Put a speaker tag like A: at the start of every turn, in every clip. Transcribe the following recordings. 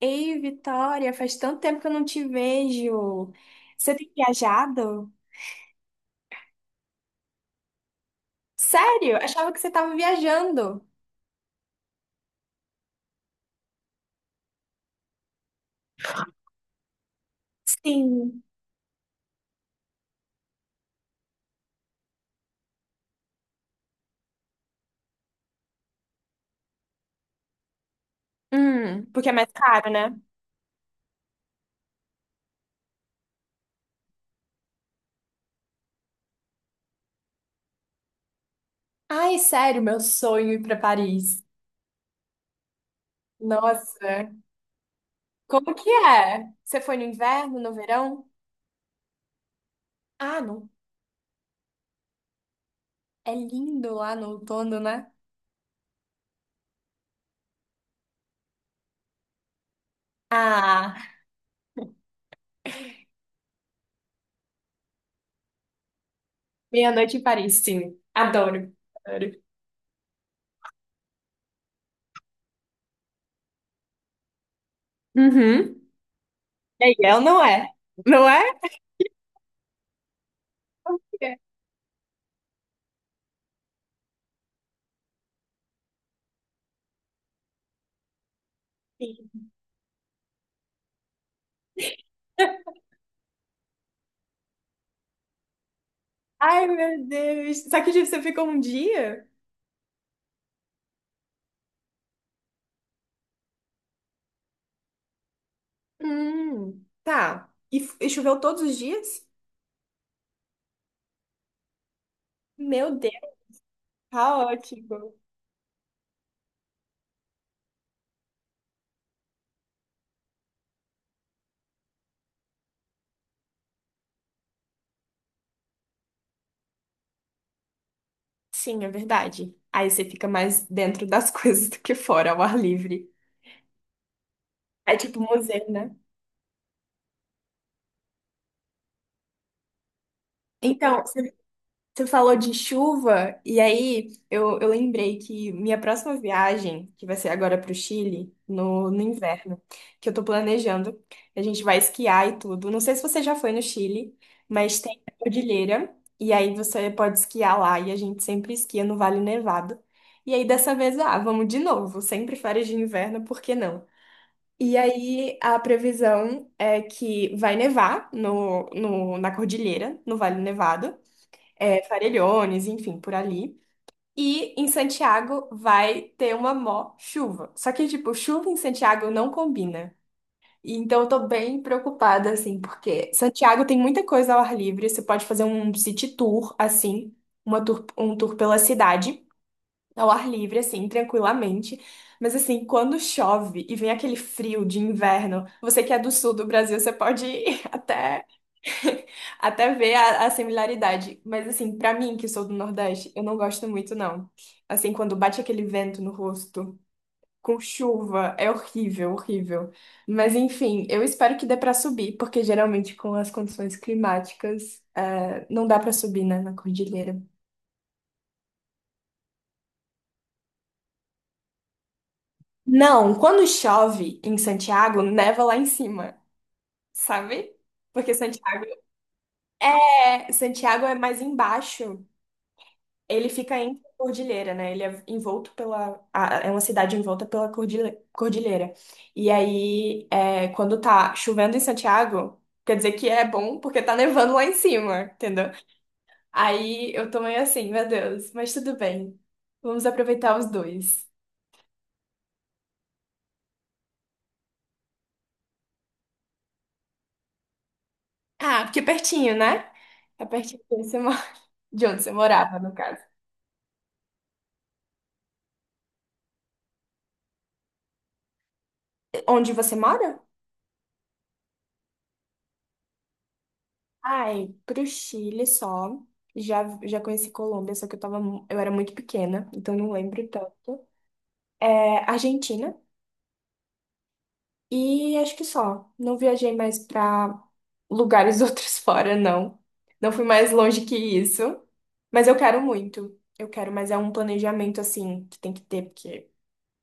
A: Ei, Vitória, faz tanto tempo que eu não te vejo. Você tem viajado? Sério? Achava que você estava viajando. Sim. Porque é mais caro, né? Ai, sério, meu sonho é ir para Paris. Nossa, como que é? Você foi no inverno, no verão? Ah, não. É lindo lá no outono, né? Ah, meia-noite em Paris, sim. Adoro. Adoro. Uhum. É ou não é? Não é? Como que é? Sim. Ai, meu Deus. Só que tipo, você ficou um dia? Tá. E, e choveu todos os dias? Meu Deus, caótico. Sim, é verdade. Aí você fica mais dentro das coisas do que fora, ao ar livre. É tipo museu, né? Então, você falou de chuva, e aí eu lembrei que minha próxima viagem, que vai ser agora para o Chile, no inverno, que eu tô planejando, a gente vai esquiar e tudo. Não sei se você já foi no Chile, mas tem a cordilheira, e aí você pode esquiar lá, e a gente sempre esquia no Vale Nevado. E aí dessa vez, ah, vamos de novo, sempre férias de inverno, por que não? E aí, a previsão é que vai nevar na cordilheira, no Vale Nevado, Farellones, enfim, por ali. E em Santiago vai ter uma mó chuva. Só que, tipo, chuva em Santiago não combina. E então eu tô bem preocupada, assim, porque Santiago tem muita coisa ao ar livre. Você pode fazer um city tour, assim, uma tour, um tour pela cidade, ao ar livre, assim, tranquilamente. Mas, assim, quando chove e vem aquele frio de inverno, você que é do sul do Brasil, você pode ir até até ver a similaridade. Mas, assim, pra mim, que sou do Nordeste, eu não gosto muito, não. Assim, quando bate aquele vento no rosto, com chuva, é horrível, horrível. Mas, enfim, eu espero que dê pra subir, porque geralmente com as condições climáticas, não dá pra subir, né, na cordilheira. Não, quando chove em Santiago, neva lá em cima, sabe? Porque Santiago Santiago é mais embaixo. Ele fica em cordilheira, né? Ele é envolto pela. A- É uma cidade envolta pela cordilheira. E aí, quando tá chovendo em Santiago, quer dizer que é bom porque tá nevando lá em cima, entendeu? Aí eu tô meio assim, meu Deus, mas tudo bem. Vamos aproveitar os dois. Ah, porque é pertinho, né? É pertinho de onde você de onde você morava, no caso. Onde você mora? Ai, pro Chile só. Já, já conheci Colômbia, só que eu tava, eu era muito pequena, então não lembro tanto. É, Argentina. E acho que só. Não viajei mais pra lugares outros fora, não. Não fui mais longe que isso. Mas eu quero muito. Eu quero, mas é um planejamento assim que tem que ter, porque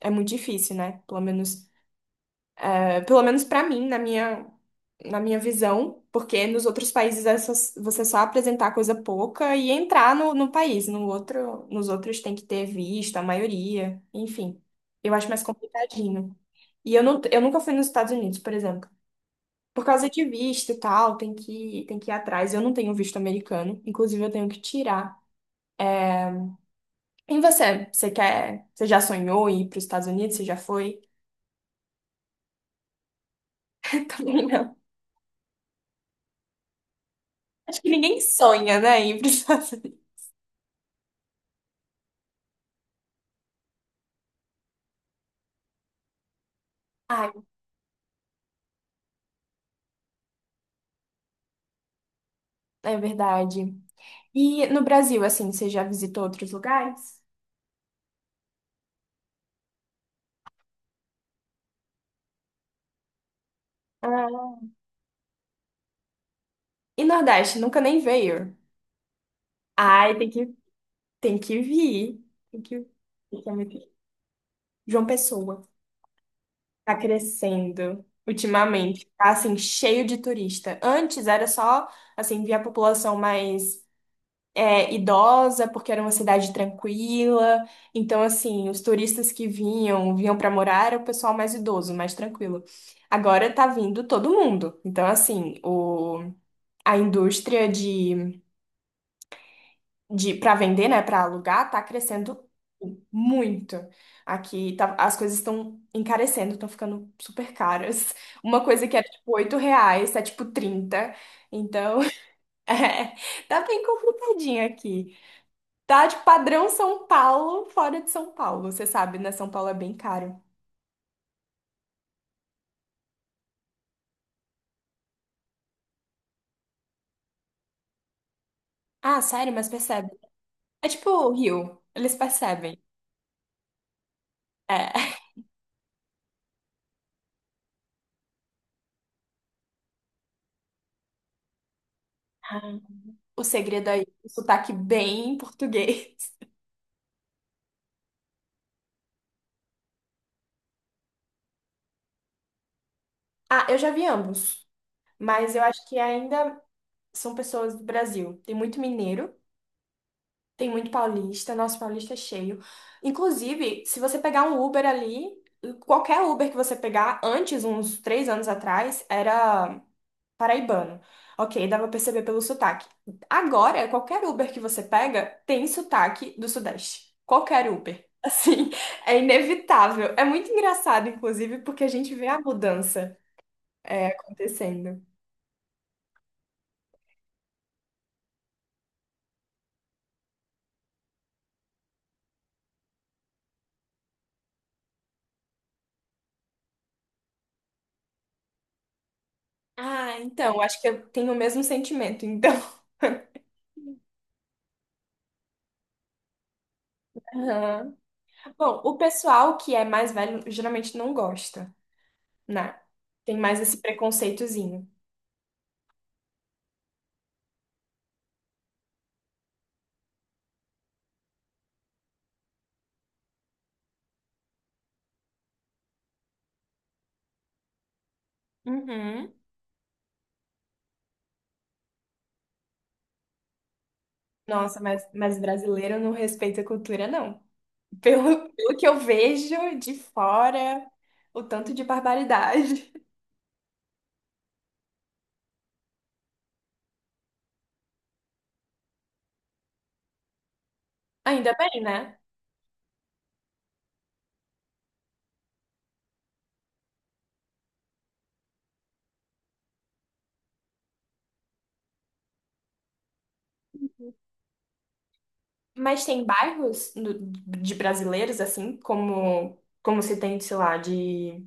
A: é muito difícil, né? Pelo menos para mim, na minha visão, porque nos outros países é você só apresentar coisa pouca e entrar no país. No outro, nos outros tem que ter visto, a maioria, enfim. Eu acho mais complicadinho. E eu, não, eu nunca fui nos Estados Unidos, por exemplo. Por causa de visto e tal, tem que ir atrás. Eu não tenho visto americano, inclusive eu tenho que tirar. E você? Você quer? Você já sonhou em ir para os Estados Unidos? Você já foi? Também não. Acho que ninguém sonha, né, em ir para os Estados Unidos. É verdade. E no Brasil, assim, você já visitou outros lugares? Ah. E Nordeste, nunca nem veio. Ai, tem que vir. Tem que, tem que muito- João Pessoa tá crescendo ultimamente. Tá, assim, cheio de turista. Antes era só, assim, via a população mais idosa, porque era uma cidade tranquila. Então, assim, os turistas que vinham, vinham para morar, era o pessoal mais idoso, mais tranquilo. Agora tá vindo todo mundo. Então, assim, a indústria de para vender, né, para alugar, tá crescendo muito. Aqui as coisas estão encarecendo, estão ficando super caras. Uma coisa que era tipo R$ 8, tá tipo 30. Então, é, tá bem complicadinho aqui. Tá de padrão São Paulo, fora de São Paulo. Você sabe, né? São Paulo é bem caro. Ah, sério? Mas percebe. É tipo o Rio. Eles percebem. É. Ah. O segredo aí, o sotaque bem português. Ah, eu já vi ambos. Mas eu acho que ainda são pessoas do Brasil. Tem muito mineiro, tem muito paulista. Nosso paulista é cheio. Inclusive, se você pegar um Uber ali, qualquer Uber que você pegar, antes, uns 3 anos atrás, era paraibano. Ok, dá pra perceber pelo sotaque. Agora, qualquer Uber que você pega tem sotaque do Sudeste. Qualquer Uber. Assim, é inevitável. É muito engraçado, inclusive, porque a gente vê a mudança acontecendo. Ah, então, acho que eu tenho o mesmo sentimento, então. Aham. Bom, o pessoal que é mais velho geralmente não gosta, né? Tem mais esse preconceitozinho. Uhum. Nossa, mas brasileiro não respeita a cultura, não. Pelo que eu vejo de fora, o tanto de barbaridade. Ainda bem, né? Mas tem bairros de brasileiros, assim, como, como se tem, sei lá, de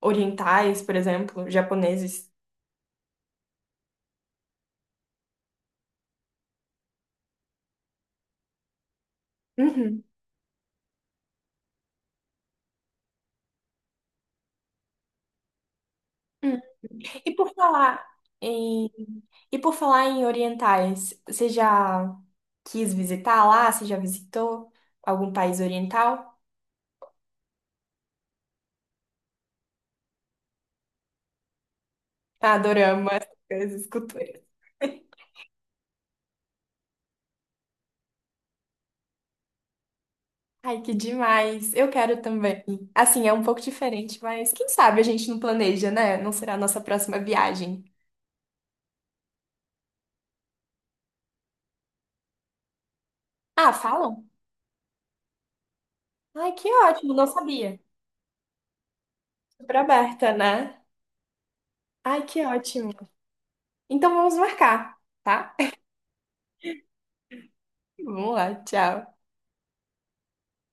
A: orientais, por exemplo, japoneses. Uhum. Hum. E por falar em, e por falar em orientais, você já quis visitar lá? Você já visitou algum país oriental? Adorama essas coisas, cultura. Ai, que demais. Eu quero também. Assim, é um pouco diferente, mas quem sabe a gente não planeja, né? Não será a nossa próxima viagem. Ah, falam? Ai, que ótimo, não sabia. Super aberta, né? Ai, que ótimo. Então vamos marcar, tá? Vamos lá, tchau.